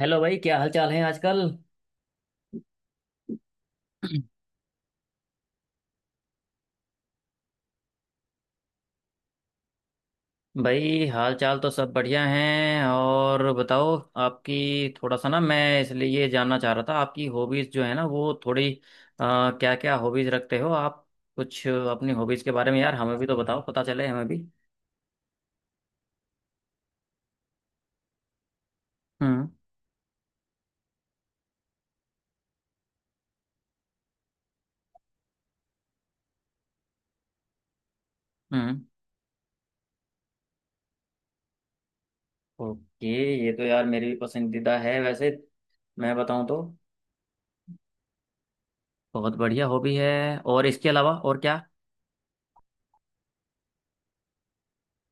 Hello भाई, क्या हाल चाल है आजकल। भाई, हाल चाल तो सब बढ़िया हैं। और बताओ। आपकी थोड़ा सा ना, मैं इसलिए ये जानना चाह रहा था, आपकी हॉबीज जो है ना वो थोड़ी क्या क्या हॉबीज रखते हो आप। कुछ अपनी हॉबीज के बारे में यार हमें भी तो बताओ, पता चले हमें भी। हम्म। हम्म। ओके। ये तो यार मेरी भी पसंदीदा है वैसे, मैं बताऊं तो। बहुत बढ़िया हॉबी है। और इसके अलावा और क्या।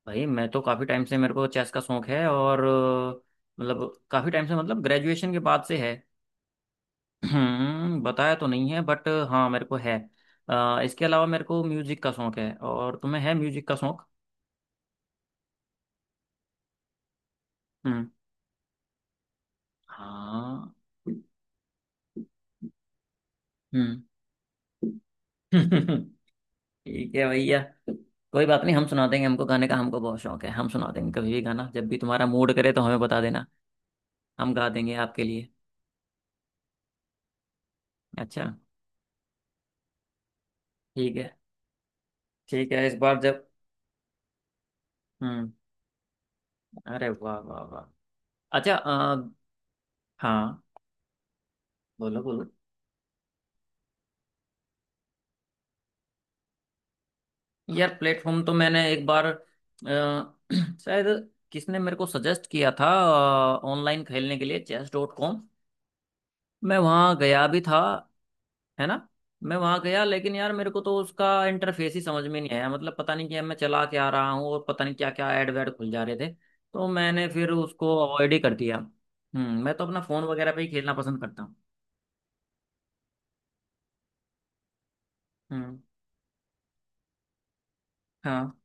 भाई मैं तो काफ़ी टाइम से, मेरे को चेस का शौक है और मतलब काफ़ी टाइम से, मतलब ग्रेजुएशन के बाद से है। बताया तो नहीं है, बट हाँ मेरे को है। इसके अलावा मेरे को म्यूजिक का शौक है। और तुम्हें है म्यूजिक का शौक। हम्म। हाँ। हम्म। ठीक है भैया। कोई बात नहीं, हम सुना देंगे। हमको गाने का हमको बहुत शौक है, हम सुना देंगे कभी भी गाना, जब भी तुम्हारा मूड करे तो हमें बता देना। हम गा देंगे आपके लिए। अच्छा। ठीक है। ठीक है इस बार जब। हम्म। अरे वाह वाह वाह। अच्छा हाँ। बोलो बोलो। यार प्लेटफॉर्म तो मैंने एक बार शायद किसने मेरे को सजेस्ट किया था ऑनलाइन खेलने के लिए, चेस डॉट कॉम। मैं वहाँ गया भी था। है ना। मैं वहाँ गया, लेकिन यार मेरे को तो उसका इंटरफेस ही समझ में नहीं आया। मतलब पता नहीं क्या मैं चला क्या रहा हूँ, और पता नहीं क्या क्या ऐड वैड खुल जा रहे थे। तो मैंने फिर उसको अवॉइड ही कर दिया। मैं तो अपना फ़ोन वगैरह पे ही खेलना पसंद करता हूँ। हम्म। हाँ।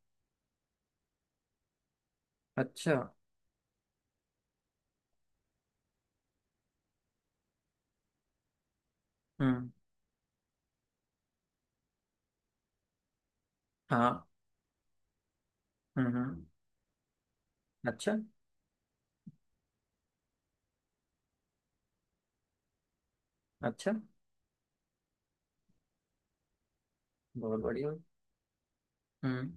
अच्छा। हम्म। हाँ। हम्म। हम्म। अच्छा। अच्छा। बहुत बढ़िया। हम्म।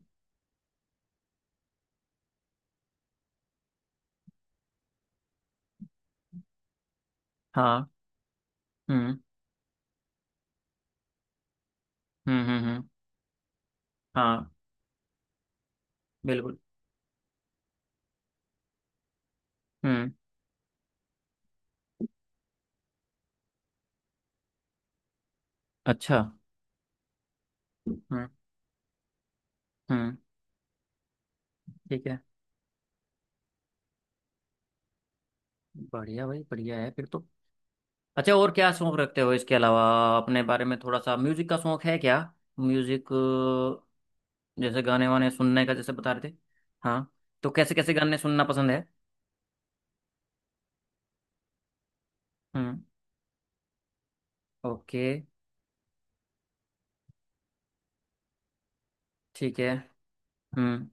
हाँ। हम्म। हम्म। हम्म। हम्म। हाँ। बिल्कुल। हम्म। अच्छा। हम्म। हम्म। ठीक है। बढ़िया भाई, बढ़िया है फिर तो। अच्छा और क्या शौक रखते हो इसके अलावा, अपने बारे में थोड़ा सा। म्यूजिक का शौक है क्या। म्यूजिक जैसे गाने वाने सुनने का, जैसे बता रहे थे। हाँ। तो कैसे कैसे गाने सुनना पसंद है। हम्म। ओके। ठीक है। हम्म।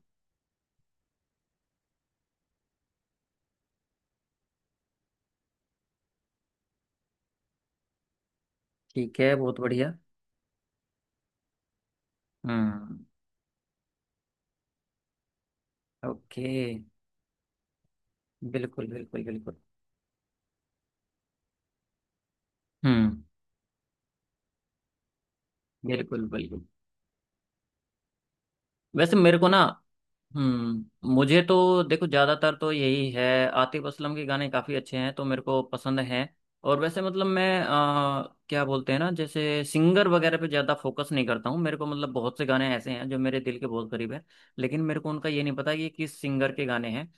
ठीक है, बहुत बढ़िया। हम्म। ओके। बिल्कुल बिल्कुल बिल्कुल। हम्म। बिल्कुल बिल्कुल। वैसे मेरे को ना, मुझे तो देखो, ज्यादातर तो यही है, आतिफ असलम के गाने काफी अच्छे हैं, तो मेरे को पसंद हैं। और वैसे, मतलब मैं क्या बोलते हैं ना, जैसे सिंगर वगैरह पे ज्यादा फोकस नहीं करता हूँ। मेरे को मतलब बहुत से गाने ऐसे हैं जो मेरे दिल के बहुत करीब है, लेकिन मेरे को उनका ये नहीं पता कि किस सिंगर के गाने हैं।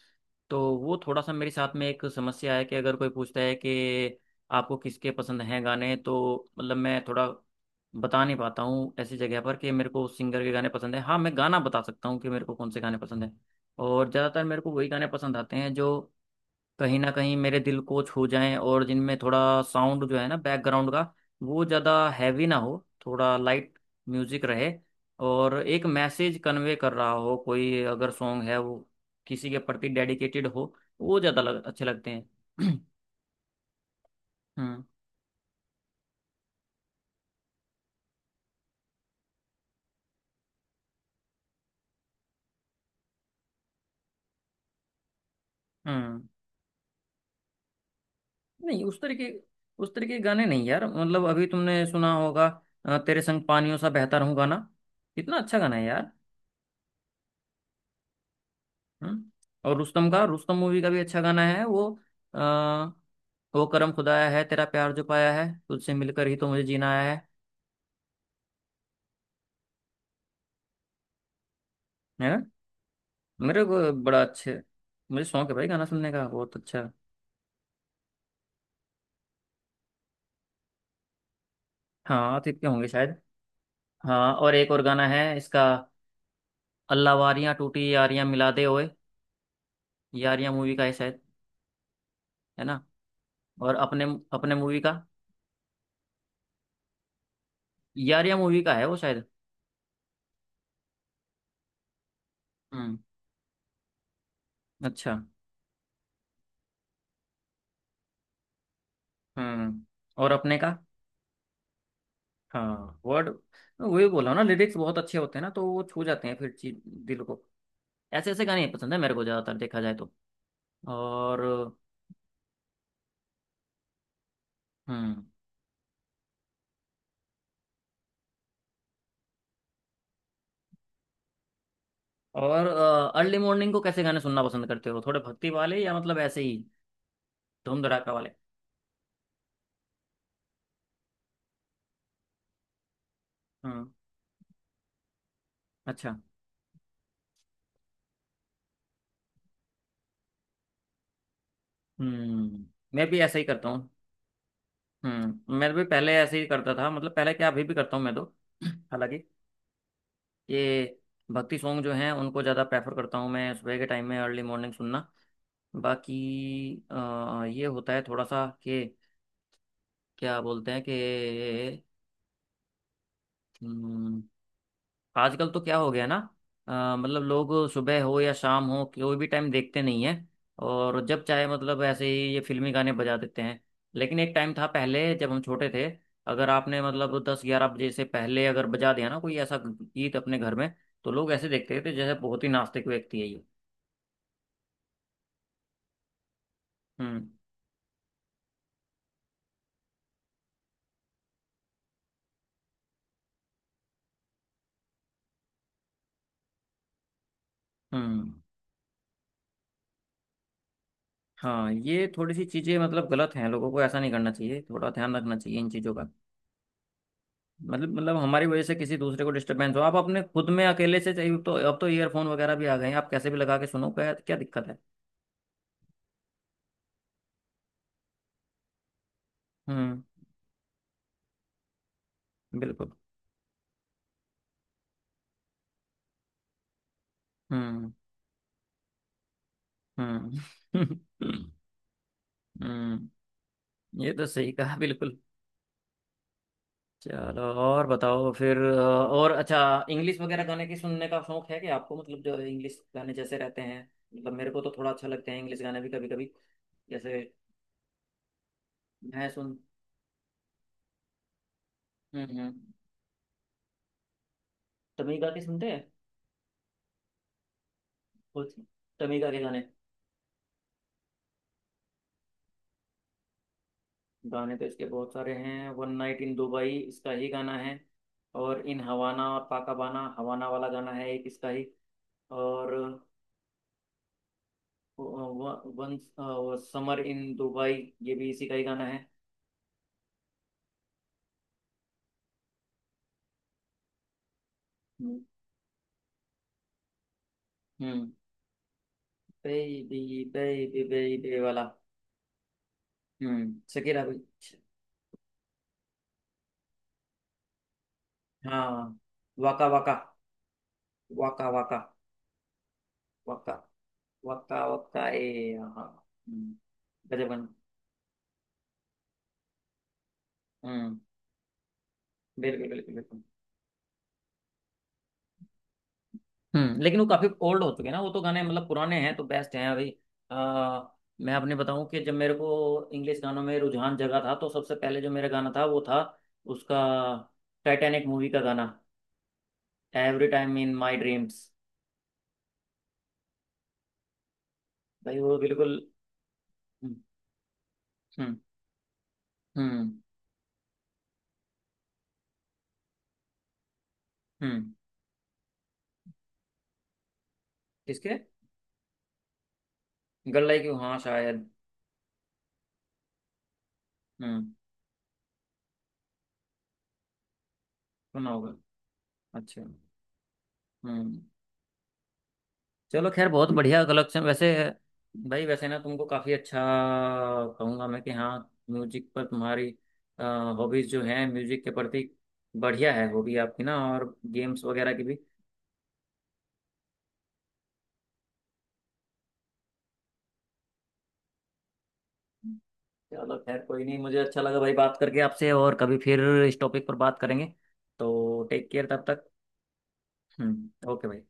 तो वो थोड़ा सा मेरे साथ में एक समस्या है कि अगर कोई पूछता है कि आपको किसके पसंद हैं गाने, तो मतलब मैं थोड़ा बता नहीं पाता हूँ ऐसी जगह पर कि मेरे को उस सिंगर के गाने पसंद है। हाँ मैं गाना बता सकता हूँ कि मेरे को कौन से गाने पसंद हैं। और ज़्यादातर मेरे को वही गाने पसंद आते हैं जो कहीं ना कहीं मेरे दिल को छू जाएं, और जिनमें थोड़ा साउंड जो है ना, बैकग्राउंड का, वो ज़्यादा हैवी ना हो, थोड़ा लाइट म्यूजिक रहे। और एक मैसेज कन्वे कर रहा हो, कोई अगर सॉन्ग है वो किसी के प्रति डेडिकेटेड हो, वो ज़्यादा अच्छे लगते हैं। हम्म। हम्म नहीं उस तरीके, उस तरीके के गाने नहीं यार। मतलब अभी तुमने सुना होगा, तेरे संग पानियों सा बहता रहूं गाना। कितना अच्छा गाना है यार। हम्म? और रुस्तम का, रुस्तम मूवी का भी अच्छा गाना है वो। आ, वो करम खुदाया है तेरा, प्यार जो पाया है, तुझसे मिलकर ही तो मुझे जीना आया है। है ना। मेरे को बड़ा अच्छे। मुझे शौक है भाई गाना सुनने का, बहुत अच्छा। हाँ आतिफ के होंगे शायद। हाँ और एक और गाना है इसका, अल्लाह वारियां टूटी यारियां मिला दे ओए। यारियां मूवी का है शायद। है ना। और अपने, अपने मूवी का, यारियां मूवी का है वो शायद। हम्म। अच्छा। हम्म और अपने का। हाँ वर्ड, वही बोला ना, लिरिक्स बहुत अच्छे होते हैं ना, तो वो छू जाते हैं फिर चीज, दिल को। ऐसे ऐसे गाने पसंद है मेरे को, ज्यादातर देखा जाए तो। और। हम्म। और अर्ली मॉर्निंग को कैसे गाने सुनना पसंद करते हो, थोड़े भक्ति वाले या मतलब ऐसे ही धूम धड़ाका वाले। हम्म। अच्छा। हम्म। मैं भी ऐसा ही करता हूँ। मैं भी पहले ऐसे ही करता था, मतलब पहले क्या अभी भी करता हूँ मैं तो। हालांकि ये भक्ति सॉन्ग जो हैं उनको ज़्यादा प्रेफर करता हूँ मैं सुबह के टाइम में, अर्ली मॉर्निंग सुनना। बाकी ये होता है थोड़ा सा कि क्या बोलते हैं कि हम्म, आजकल तो क्या हो गया ना, मतलब लोग सुबह हो या शाम हो कोई भी टाइम देखते नहीं है, और जब चाहे मतलब ऐसे ही ये फिल्मी गाने बजा देते हैं। लेकिन एक टाइम था पहले, जब हम छोटे थे, अगर आपने मतलब दस ग्यारह बजे से पहले अगर बजा दिया ना कोई ऐसा गीत अपने घर में, तो लोग ऐसे देखते थे जैसे बहुत ही नास्तिक व्यक्ति है ये। हम्म। हम्म। हाँ ये थोड़ी सी चीज़ें मतलब गलत हैं। लोगों को ऐसा नहीं करना चाहिए, थोड़ा ध्यान रखना चाहिए इन चीज़ों का। मतलब हमारी वजह से किसी दूसरे को डिस्टरबेंस हो। आप अपने खुद में अकेले से चाहिए तो, अब तो ईयरफोन वगैरह भी आ गए हैं, आप कैसे भी लगा के सुनो, क्या क्या दिक्कत है। हम्म। बिल्कुल। हम्म। हम्म। हम्म। ये तो सही कहा, बिल्कुल। चलो और बताओ फिर, और अच्छा इंग्लिश वगैरह गाने की सुनने का शौक है कि आपको, मतलब जो इंग्लिश गाने जैसे रहते हैं, मतलब मेरे को तो थोड़ा अच्छा लगता है इंग्लिश गाने भी कभी कभी। जैसे मैं सुन हम्म। हम्म। तमीगा के सुनते हैं, बहुत से तमीगा के गाने। गाने तो इसके बहुत सारे हैं, वन नाइट इन दुबई इसका ही गाना है। और इन हवाना, और पाकाबाना, हवाना वाला गाना है एक इसका ही। और वन समर इन दुबई, ये भी इसी का ही गाना है। हम्म। बेबी, बेबी बेबी वाला। शकीरा भी। हाँ। वाका वाका। वाका वाका। वाका। वाका वाका ए हाँ। हम्म। गजब गाना। हम्म। बिल्कुल बिल्कुल बिल्कुल। हम्म। लेकिन वो काफी ओल्ड हो चुके हैं ना, वो तो गाने मतलब पुराने हैं, तो बेस्ट हैं अभी। आ, मैं अपने बताऊं कि जब मेरे को इंग्लिश गानों में रुझान जगा था, तो सबसे पहले जो मेरा गाना था वो था उसका टाइटैनिक मूवी का गाना, every time in my dreams. भाई वो बिल्कुल। हम्म। हम्म। हम्म। हम्म। किसके, गर्ल लाइक यू, हाँ शायद। हम्म। सुना होगा। अच्छा। हम्म। चलो खैर, बहुत बढ़िया कलेक्शन वैसे। भाई वैसे ना तुमको काफ़ी अच्छा कहूँगा मैं कि, हाँ म्यूजिक पर तुम्हारी हॉबीज़ जो हैं म्यूजिक के प्रति, बढ़िया है। हॉबी आपकी ना, और गेम्स वगैरह की भी। चलो खैर कोई नहीं, मुझे अच्छा लगा भाई बात करके आपसे, और कभी फिर इस टॉपिक पर बात करेंगे। तो टेक केयर तब तक। हम्म। ओके भाई।